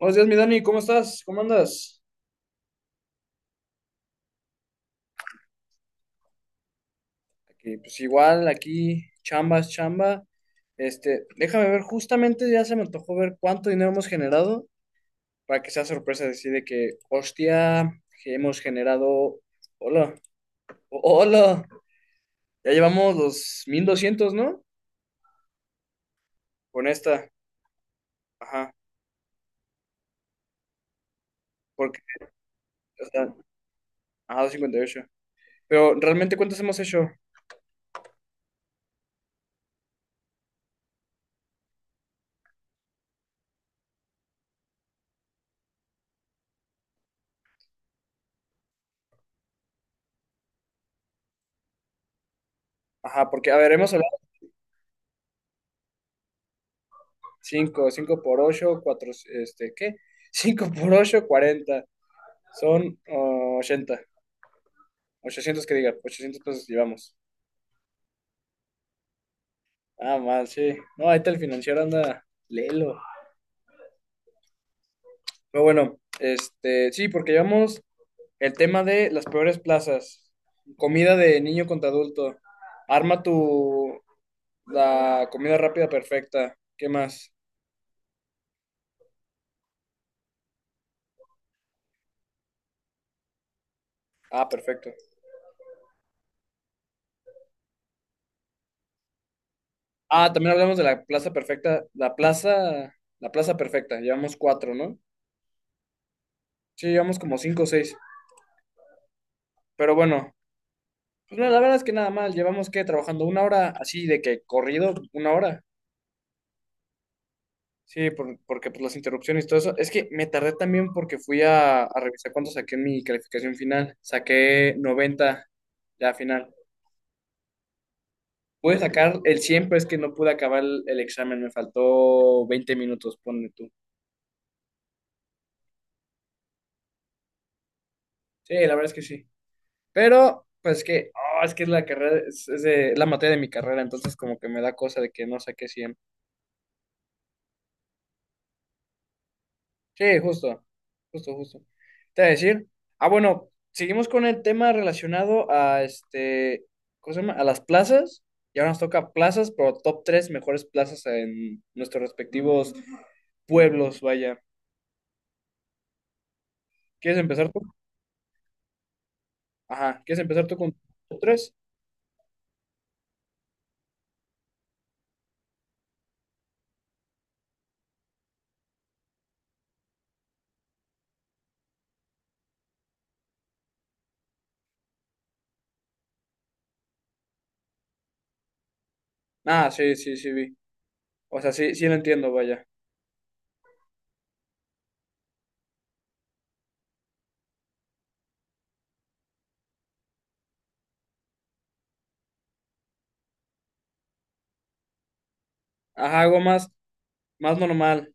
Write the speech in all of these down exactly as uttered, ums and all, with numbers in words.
Buenos días, mi Dani, ¿cómo estás? ¿Cómo andas? Aquí, pues igual, aquí, chambas, chamba. Este, déjame ver, justamente ya se me antojó ver cuánto dinero hemos generado para que sea sorpresa decir de que, hostia, que hemos generado. Hola, hola, ya llevamos los mil doscientos, ¿no? Con esta, ajá, porque, o sea, ajá, doscientos cincuenta y ocho. Pero realmente, ¿cuántos hemos hecho? Ajá, porque, a ver, hemos hablado cinco 5 por ocho, cuatro, este, ¿qué? Cinco por ocho, cuarenta. Son oh, ochenta. ochocientos que diga, ochocientos pesos llevamos. Ah, mal, sí. No, ahí está el financiero, anda, léelo. Pero bueno, este, sí, porque llevamos el tema de las peores plazas. Comida de niño contra adulto. Arma tu, la comida rápida perfecta. ¿Qué más? Ah, perfecto. Ah, también hablamos de la plaza perfecta. La plaza, la plaza perfecta. Llevamos cuatro, ¿no? Sí, llevamos como cinco o seis. Pero bueno, pues mira, la verdad es que nada mal, llevamos que trabajando una hora así de que corrido, una hora. Sí, por- porque pues las interrupciones y todo eso. Es que me tardé también porque fui a, a revisar cuánto saqué en mi calificación final. Saqué noventa ya final. Pude sacar el cien pero es que no pude acabar el, el examen. Me faltó veinte minutos, ponle tú. Sí, la verdad es que sí. Pero, pues que, oh, es que es la carrera, es, es de- es la materia de mi carrera, entonces como que me da cosa de que no saqué cien. Sí, justo, justo, justo. Te voy a decir, ah, bueno, seguimos con el tema relacionado a este, ¿cómo se llama? A las plazas. Y ahora nos toca plazas, pero top tres mejores plazas en nuestros respectivos pueblos, vaya. ¿Quieres empezar tú? Ajá, ¿quieres empezar tú con top tres? Ah, sí, sí, sí, vi. O sea, sí, sí lo entiendo, vaya. Ajá, algo más, más normal.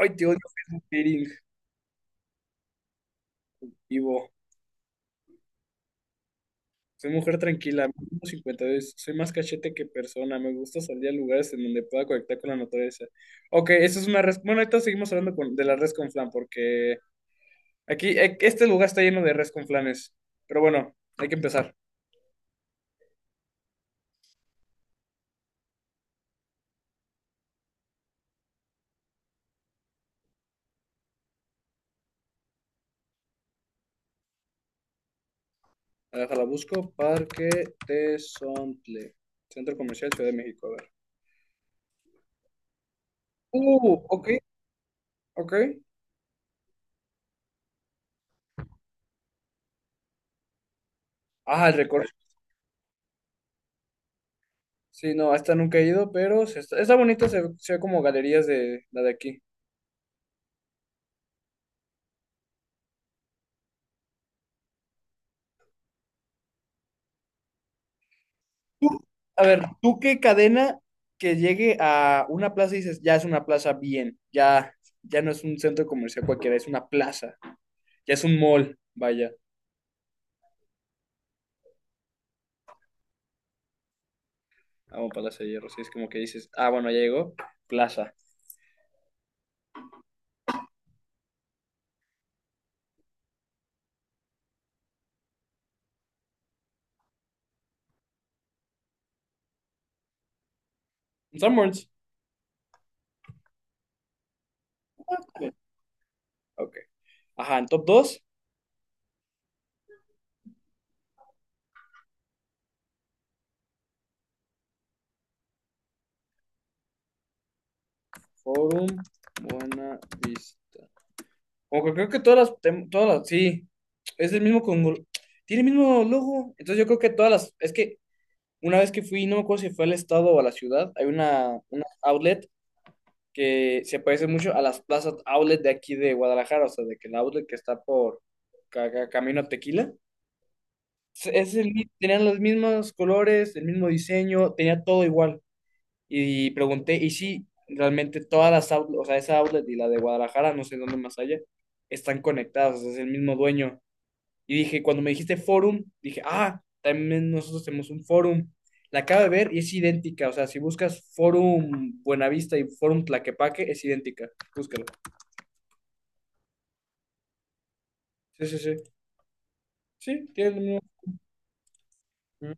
Ay, te odio Facebook Dating, Ivo. Soy mujer tranquila, mido cincuenta y dos, soy más cachete que persona, me gusta salir a lugares en donde pueda conectar con la naturaleza. Ok, eso es una res... Bueno, ahorita seguimos hablando con- de la res con flan, porque aquí, e- este lugar está lleno de res con flanes. Pero bueno, hay que empezar. A ver, déjala, busco. Parque Tesontle, Centro Comercial Ciudad de México, a ver. Uh, ok, ok. Ah, el recorrido. Sí, no, hasta nunca he ido, pero se está, está bonito, se, se ve como galerías de la de aquí. Tú- a ver, ¿tú qué cadena que llegue a una plaza y dices, ya es una plaza bien, ya, ya no es un centro comercial cualquiera, es una plaza, ya es un mall, vaya, vamos para Plaza de Hierro, si es como que dices, ah, bueno, ya llegó, plaza. Sanborns. Bien, ok. Ajá, en top dos Forum, Buena Vista. Como que creo que todas las, tem- todas las, sí, es el mismo con, tiene el mismo logo, entonces yo creo que todas las, es que una vez que fui, no me acuerdo si fue al estado o a la ciudad, hay una, una outlet que se parece mucho a las plazas outlet de aquí de Guadalajara, o sea, de que el outlet que está por ca- ca- Camino a Tequila, es es el, mi- tenían los mismos colores, el mismo diseño, tenía todo igual. Y pregunté, y sí, realmente todas las outlets, o sea, esa outlet y la de Guadalajara, no sé dónde más allá, están conectadas, o sea, es el mismo dueño. Y dije, cuando me dijiste forum, dije, ah, también nosotros tenemos un forum. La acabo de ver y es idéntica. O sea, si buscas forum Buenavista y forum Tlaquepaque, es idéntica. Búscala. Sí, sí, sí. Sí, tiene el mismo. Mm.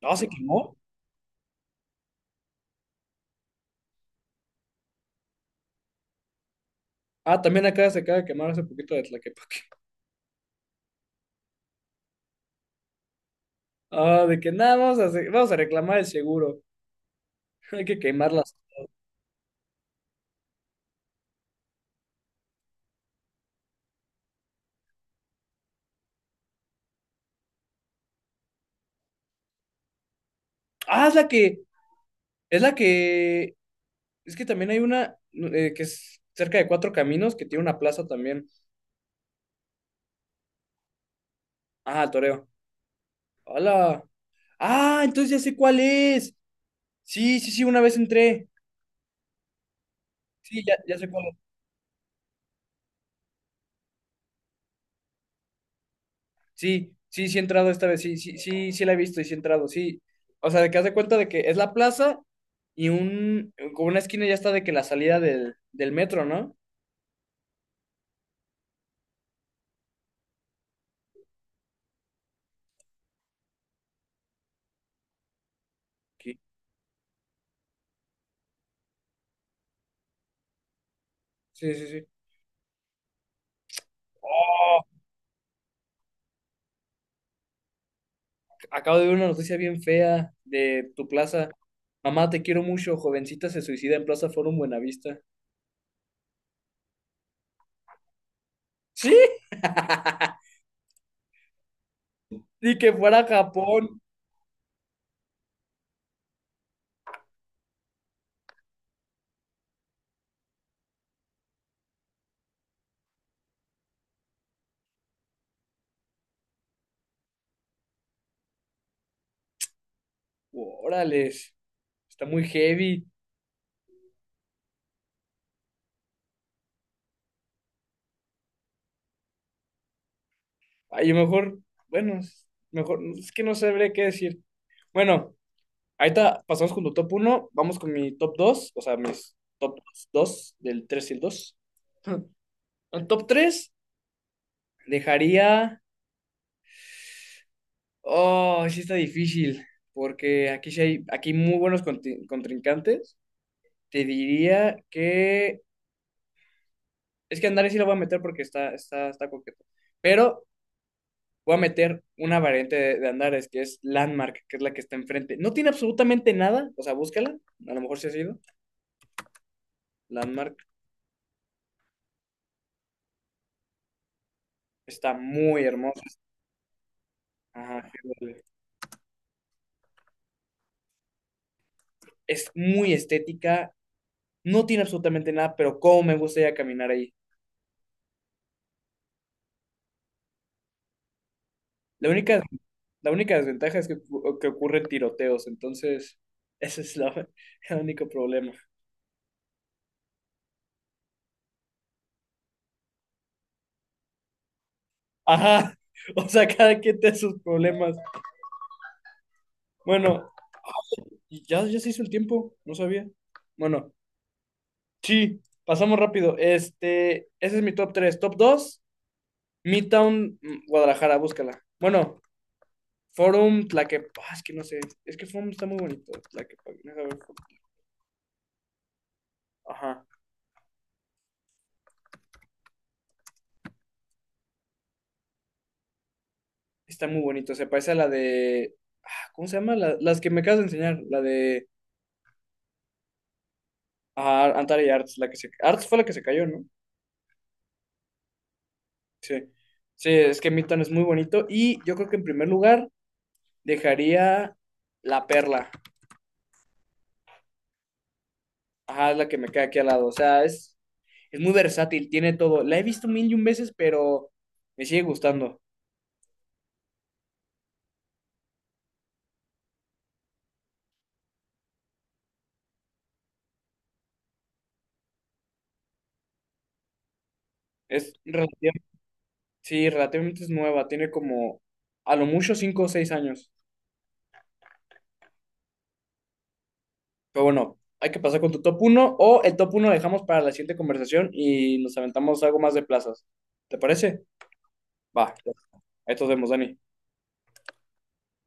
No, se quemó. Ah, también acá se acaba de quemar hace poquito de Tlaquepaque. Ah, de que nada, vamos a, hacer- vamos a reclamar el seguro. Hay que quemarlas. Ah, es la que, es la que, es que también hay una eh, que es cerca de Cuatro Caminos que tiene una plaza también. Ah, el Toreo. Hola. Ah, entonces ya sé cuál es. Sí, sí, sí, una vez entré. Sí, ya, ya sé cuál es. Sí, sí, sí he entrado esta vez. Sí, sí, sí, sí la he visto y sí he entrado, sí. O sea, de que haz de cuenta de que es la plaza y un, con una esquina ya está de que la salida del, del metro, ¿no? Sí, sí, sí, sí. Oh, acabo de ver una noticia bien fea de tu plaza. Mamá, te quiero mucho. Jovencita se suicida en Plaza Forum Buenavista. Sí, ni que fuera Japón. Órales, está muy heavy. A lo mejor, bueno, es- mejor, es que no sabré qué decir. Bueno, ahorita pasamos con tu top uno, vamos con mi top dos, o sea, mis top dos, del tres y el dos. El top tres dejaría. Oh, sí está difícil, porque aquí sí hay, aquí hay muy buenos conti- contrincantes. Te diría que. Es que Andrés sí lo voy a meter porque está, está, está coqueto. Pero voy a meter una variante de, de Andares, que es Landmark, que es la que está enfrente. No tiene absolutamente nada, o sea, búscala, a lo mejor se ha sido. Landmark está muy hermosa. Ajá, es muy estética, no tiene absolutamente nada, pero cómo me gusta ya caminar ahí. La única, la única desventaja es que, ocu- que ocurren tiroteos, entonces ese es la- el único problema. Ajá, o sea, cada quien tiene sus problemas. Bueno, y ya, ya se hizo el tiempo, no sabía. Bueno, sí, pasamos rápido. Este, ese es mi top tres. Top dos Midtown, mm, Guadalajara, búscala. Bueno, Forum Tlaquepaque, ah, es que no sé, es que Forum está muy bonito, Tlaquepaque, deja ver. Ajá, está muy bonito, se parece a la de, ah, ¿cómo se llama? La- las que me acabas de enseñar, la de ah, Antara y Arts, la que se, Arts fue la que se cayó, ¿no? Sí, sí, es que Midtown es muy bonito y yo creo que en primer lugar dejaría La Perla, ajá, es la que me queda aquí al lado, o sea, es. Es muy versátil, tiene todo. La he visto mil y un veces, pero me sigue gustando. Es relativamente, sí, relativamente es nueva, tiene como a lo mucho cinco o seis años. Pero bueno, hay que pasar con tu top uno, o el top uno lo dejamos para la siguiente conversación y nos aventamos algo más de plazas. ¿Te parece? Va, ahí nos vemos, Dani.